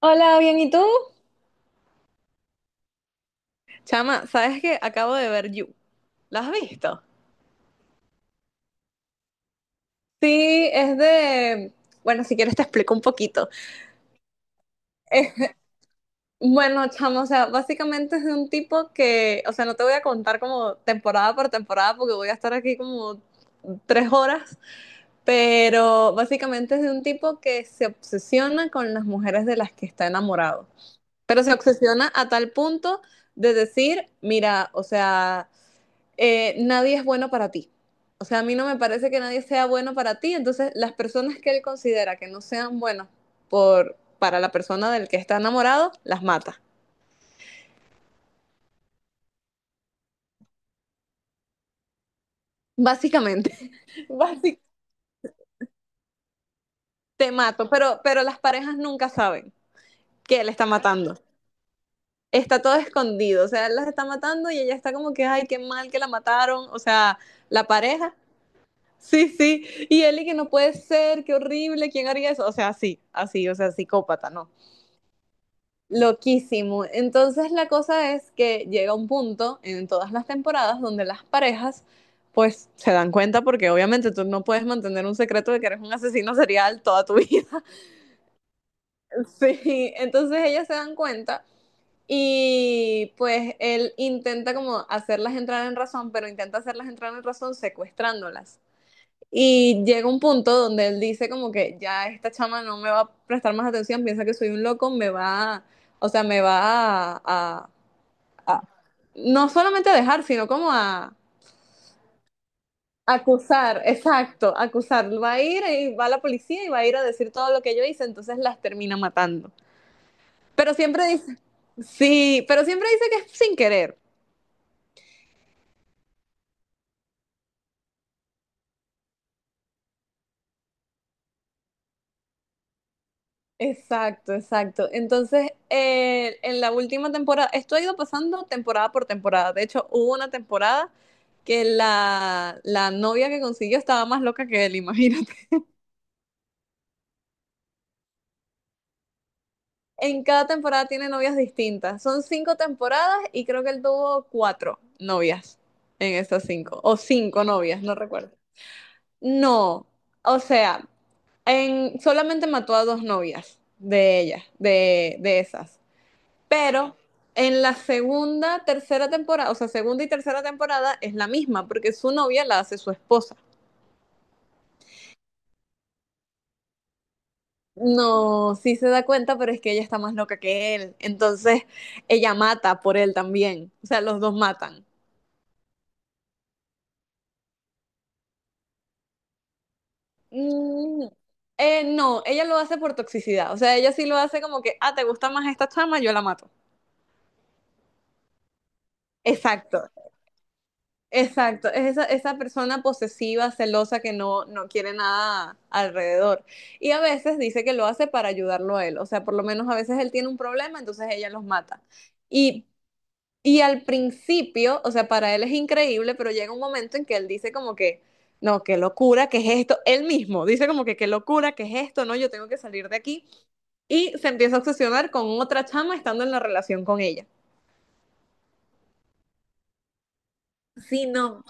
Hola, bien, ¿y tú? Chama, ¿sabes qué? Acabo de ver You. ¿La has visto? Sí, es de... Bueno, si quieres te explico un poquito. eh, bueno, chamo, o sea, básicamente es de un tipo que, o sea, no te voy a contar como temporada por temporada porque voy a estar aquí como 3 horas, pero básicamente es de un tipo que se obsesiona con las mujeres de las que está enamorado, pero se obsesiona a tal punto de decir, mira, o sea... nadie es bueno para ti. O sea, a mí no me parece que nadie sea bueno para ti. Entonces, las personas que él considera que no sean buenas por, para la persona del que está enamorado, las mata. Básicamente, básicamente te mato. Pero las parejas nunca saben que él está matando. Está todo escondido. O sea, él las está matando y ella está como que, ay, qué mal que la mataron. O sea, la pareja. Sí, sí. Y él y que no puede ser, qué horrible, ¿quién haría eso? O sea, así, así, o sea, psicópata, ¿no? Loquísimo. Entonces la cosa es que llega un punto en todas las temporadas donde las parejas pues se dan cuenta porque obviamente tú no puedes mantener un secreto de que eres un asesino serial toda tu vida. Sí, entonces ellas se dan cuenta y pues él intenta como hacerlas entrar en razón, pero intenta hacerlas entrar en razón secuestrándolas. Y llega un punto donde él dice como que ya esta chama no me va a prestar más atención, piensa que soy un loco, me va, o sea, me va a, a- no solamente a dejar, sino como a acusar, exacto, acusar. Va a ir y va la policía y va a ir a decir todo lo que yo hice, entonces las termina matando. Pero siempre dice, sí, pero siempre dice que es sin querer. Exacto, exacto. Entonces, en la última temporada, esto ha ido pasando temporada por temporada. De hecho, hubo una temporada que la novia que consiguió estaba más loca que él, imagínate. En cada temporada tiene novias distintas. Son cinco temporadas y creo que él tuvo cuatro novias en esas cinco, o cinco novias, no recuerdo. No, o sea, solamente mató a dos novias de ellas, de esas. Pero en la segunda, tercera temporada, o sea, segunda y tercera temporada es la misma, porque su novia la hace su esposa. No, sí se da cuenta, pero es que ella está más loca que él. Entonces, ella mata por él también. O sea, los dos matan. Mm, no, ella lo hace por toxicidad. O sea, ella sí lo hace como que, ah, te gusta más esta chama, yo la mato. Exacto, exacto. Es esa, esa persona posesiva, celosa, que no, no quiere nada alrededor. Y a veces dice que lo hace para ayudarlo a él. O sea, por lo menos a veces él tiene un problema, entonces ella los mata. Y, y al principio, o sea, para él es increíble, pero llega un momento en que él dice como que, no, qué locura, qué es esto. Él mismo dice como que, qué locura, qué es esto, no, yo tengo que salir de aquí. Y se empieza a obsesionar con otra chama estando en la relación con ella. Sí, no.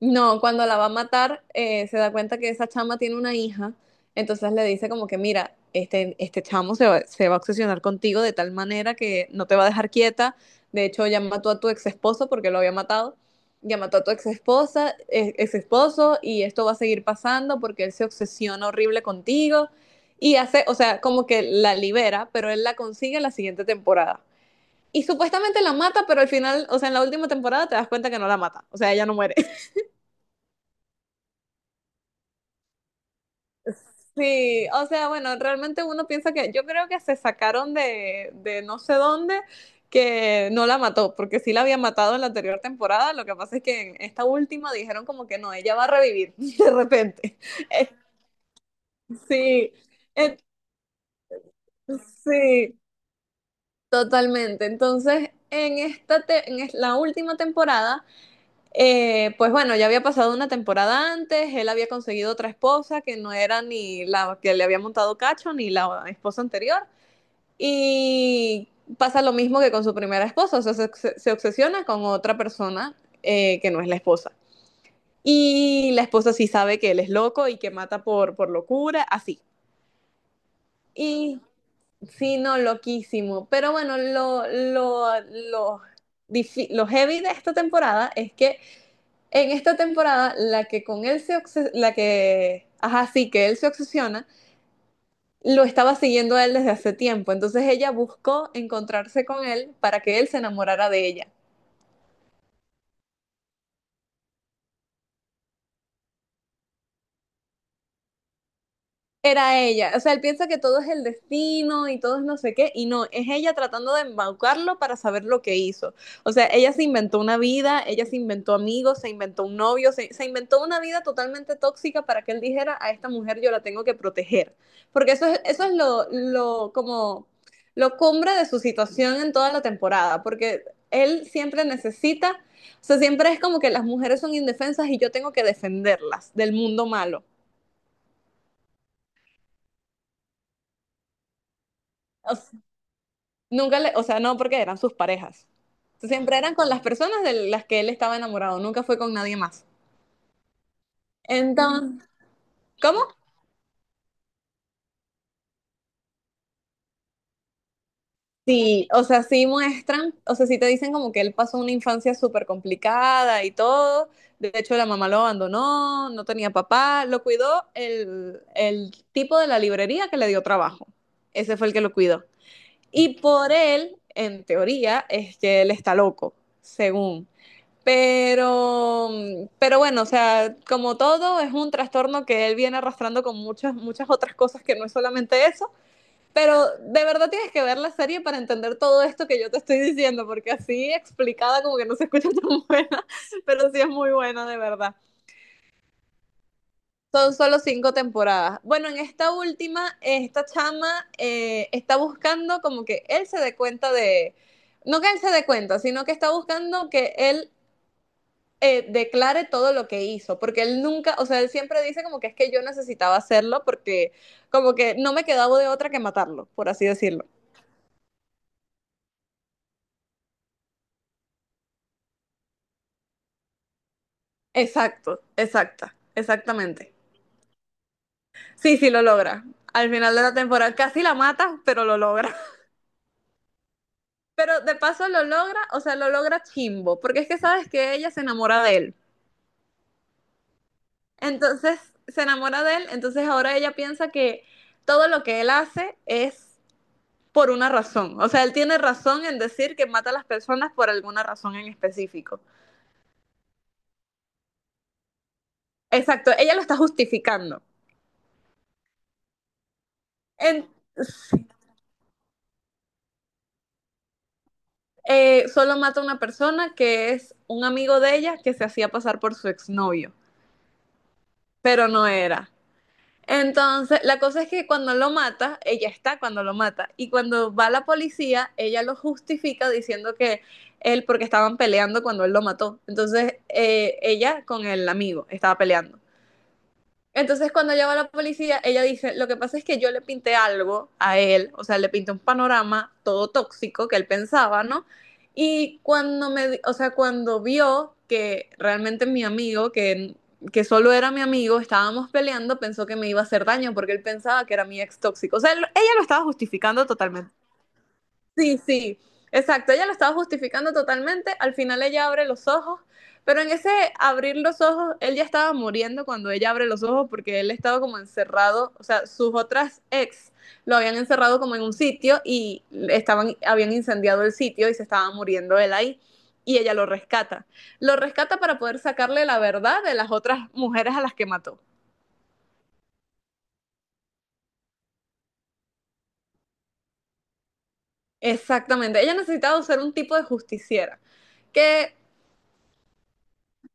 No, cuando la va a matar, se da cuenta que esa chama tiene una hija, entonces le dice como que, mira, este chamo se va a obsesionar contigo de tal manera que no te va a dejar quieta, de hecho ya mató a tu ex esposo porque lo había matado, ya mató a tu ex esposa, ex esposo, y esto va a seguir pasando porque él se obsesiona horrible contigo, y hace, o sea, como que la libera, pero él la consigue en la siguiente temporada. Y supuestamente la mata, pero al final, o sea, en la última temporada te das cuenta que no la mata, o sea, ella no muere. Sí, o sea, bueno, realmente uno piensa que yo creo que se sacaron de, no sé dónde que no la mató, porque sí la había matado en la anterior temporada, lo que pasa es que en esta última dijeron como que no, ella va a revivir de repente. Eh, sí, eh, sí, totalmente. Entonces, en esta te- en es- la última temporada. Pues bueno, ya había pasado una temporada antes, él había conseguido otra esposa que no era ni la que le había montado cacho, ni la esposa anterior. Y pasa lo mismo que con su primera esposa, o sea, se obsesiona con otra persona que no es la esposa. Y la esposa sí sabe que él es loco y que mata por locura, así. Y sí, no, loquísimo. Pero bueno, lo heavy de esta temporada es que en esta temporada, la que, ajá, sí, que él se obsesiona, lo estaba siguiendo a él desde hace tiempo. Entonces ella buscó encontrarse con él para que él se enamorara de ella. Era ella. O sea, él piensa que todo es el destino y todo es no sé qué, y no, es ella tratando de embaucarlo para saber lo que hizo. O sea, ella se inventó una vida, ella se inventó amigos, se inventó un novio, se inventó una vida totalmente tóxica para que él dijera, a esta mujer yo la tengo que proteger. Porque eso es lo cumbre de su situación en toda la temporada, porque él siempre necesita, o sea, siempre es como que las mujeres son indefensas y yo tengo que defenderlas del mundo malo. Nunca le, o sea, no, porque eran sus parejas. Siempre eran con las personas de las que él estaba enamorado, nunca fue con nadie más. Entonces, ¿cómo? Sí, o sea, sí muestran, o sea, sí te dicen como que él pasó una infancia súper complicada y todo. De hecho, la mamá lo abandonó, no tenía papá, lo cuidó el tipo de la librería que le dio trabajo. Ese fue el que lo cuidó. Y por él, en teoría, es que él está loco, según. Pero bueno, o sea, como todo, es un trastorno que él viene arrastrando con muchas, muchas otras cosas que no es solamente eso. Pero de verdad tienes que ver la serie para entender todo esto que yo te estoy diciendo, porque así explicada como que no se escucha tan buena, pero sí es muy buena de verdad. Son solo cinco temporadas. Bueno, en esta última, esta chama está buscando como que él se dé cuenta de, no que él se dé cuenta, sino que está buscando que él declare todo lo que hizo, porque él nunca, o sea, él siempre dice como que es que yo necesitaba hacerlo porque como que no me quedaba de otra que matarlo, por así decirlo. Exacto, exacta, exactamente. Sí, sí, lo logra. Al final de la temporada casi la mata, pero lo logra. Pero de paso lo logra, o sea, lo logra chimbo, porque es que sabes que ella se enamora de él. Entonces se enamora de él, entonces ahora ella piensa que todo lo que él hace es por una razón. O sea, él tiene razón en decir que mata a las personas por alguna razón en específico. Exacto, ella lo está justificando. En- Solo mata a una persona que es un amigo de ella que se hacía pasar por su exnovio, pero no era. Entonces, la cosa es que cuando lo mata, ella está cuando lo mata, y cuando va la policía, ella lo justifica diciendo que él, porque estaban peleando cuando él lo mató. Entonces, ella con el amigo estaba peleando. Entonces cuando llama a la policía, ella dice, lo que pasa es que yo le pinté algo a él, o sea, le pinté un panorama todo tóxico que él pensaba, ¿no? Y cuando me, o sea, cuando vio que realmente mi amigo, que solo era mi amigo, estábamos peleando, pensó que me iba a hacer daño porque él pensaba que era mi ex tóxico. O sea, ella lo estaba justificando. Sí, sí, exacto. Ella lo estaba justificando totalmente. Al final ella abre los ojos, pero en ese abrir los ojos, él ya estaba muriendo cuando ella abre los ojos porque él estaba como encerrado, o sea, sus otras ex lo habían encerrado como en un sitio y estaban, habían incendiado el sitio y se estaba muriendo él ahí. Y ella lo rescata. Lo rescata para poder sacarle la verdad de las otras mujeres a las que mató. Exactamente. Ella necesitaba ser un tipo de justiciera. Que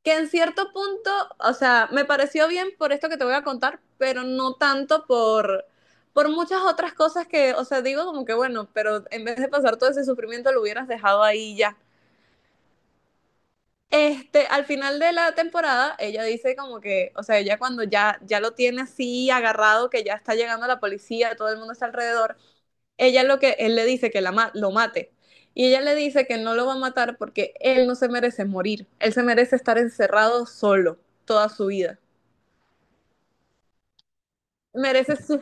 que en cierto punto, o sea, me pareció bien por esto que te voy a contar, pero no tanto por, muchas otras cosas que, o sea, digo como que bueno, pero en vez de pasar todo ese sufrimiento lo hubieras dejado ahí ya. Este, al final de la temporada, ella dice como que, o sea, ella cuando ya, ya lo tiene así agarrado, que ya está llegando la policía, todo el mundo está alrededor, él le dice que la ma lo mate. Y ella le dice que no lo va a matar porque él no se merece morir, él se merece estar encerrado solo toda su vida. Merece su-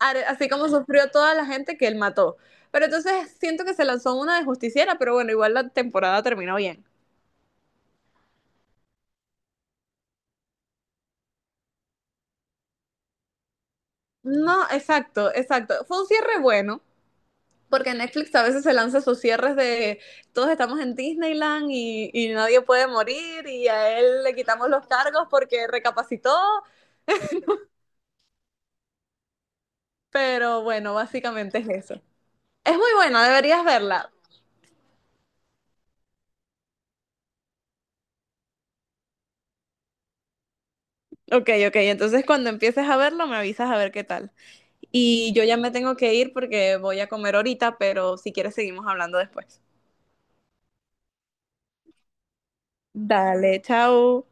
are- así como sufrió toda la gente que él mató. Pero entonces siento que se lanzó una de justiciera, pero bueno, igual la temporada terminó bien. No, exacto, exacto. Fue un cierre bueno, porque Netflix a veces se lanza sus cierres de todos estamos en Disneyland y nadie puede morir y a él le quitamos los cargos porque recapacitó, pero bueno, básicamente es eso. Es muy buena, deberías verla. Ok, ok, entonces cuando empieces a verlo me avisas a ver qué tal. Y yo ya me tengo que ir porque voy a comer ahorita, pero si quieres seguimos hablando después. Dale, chao.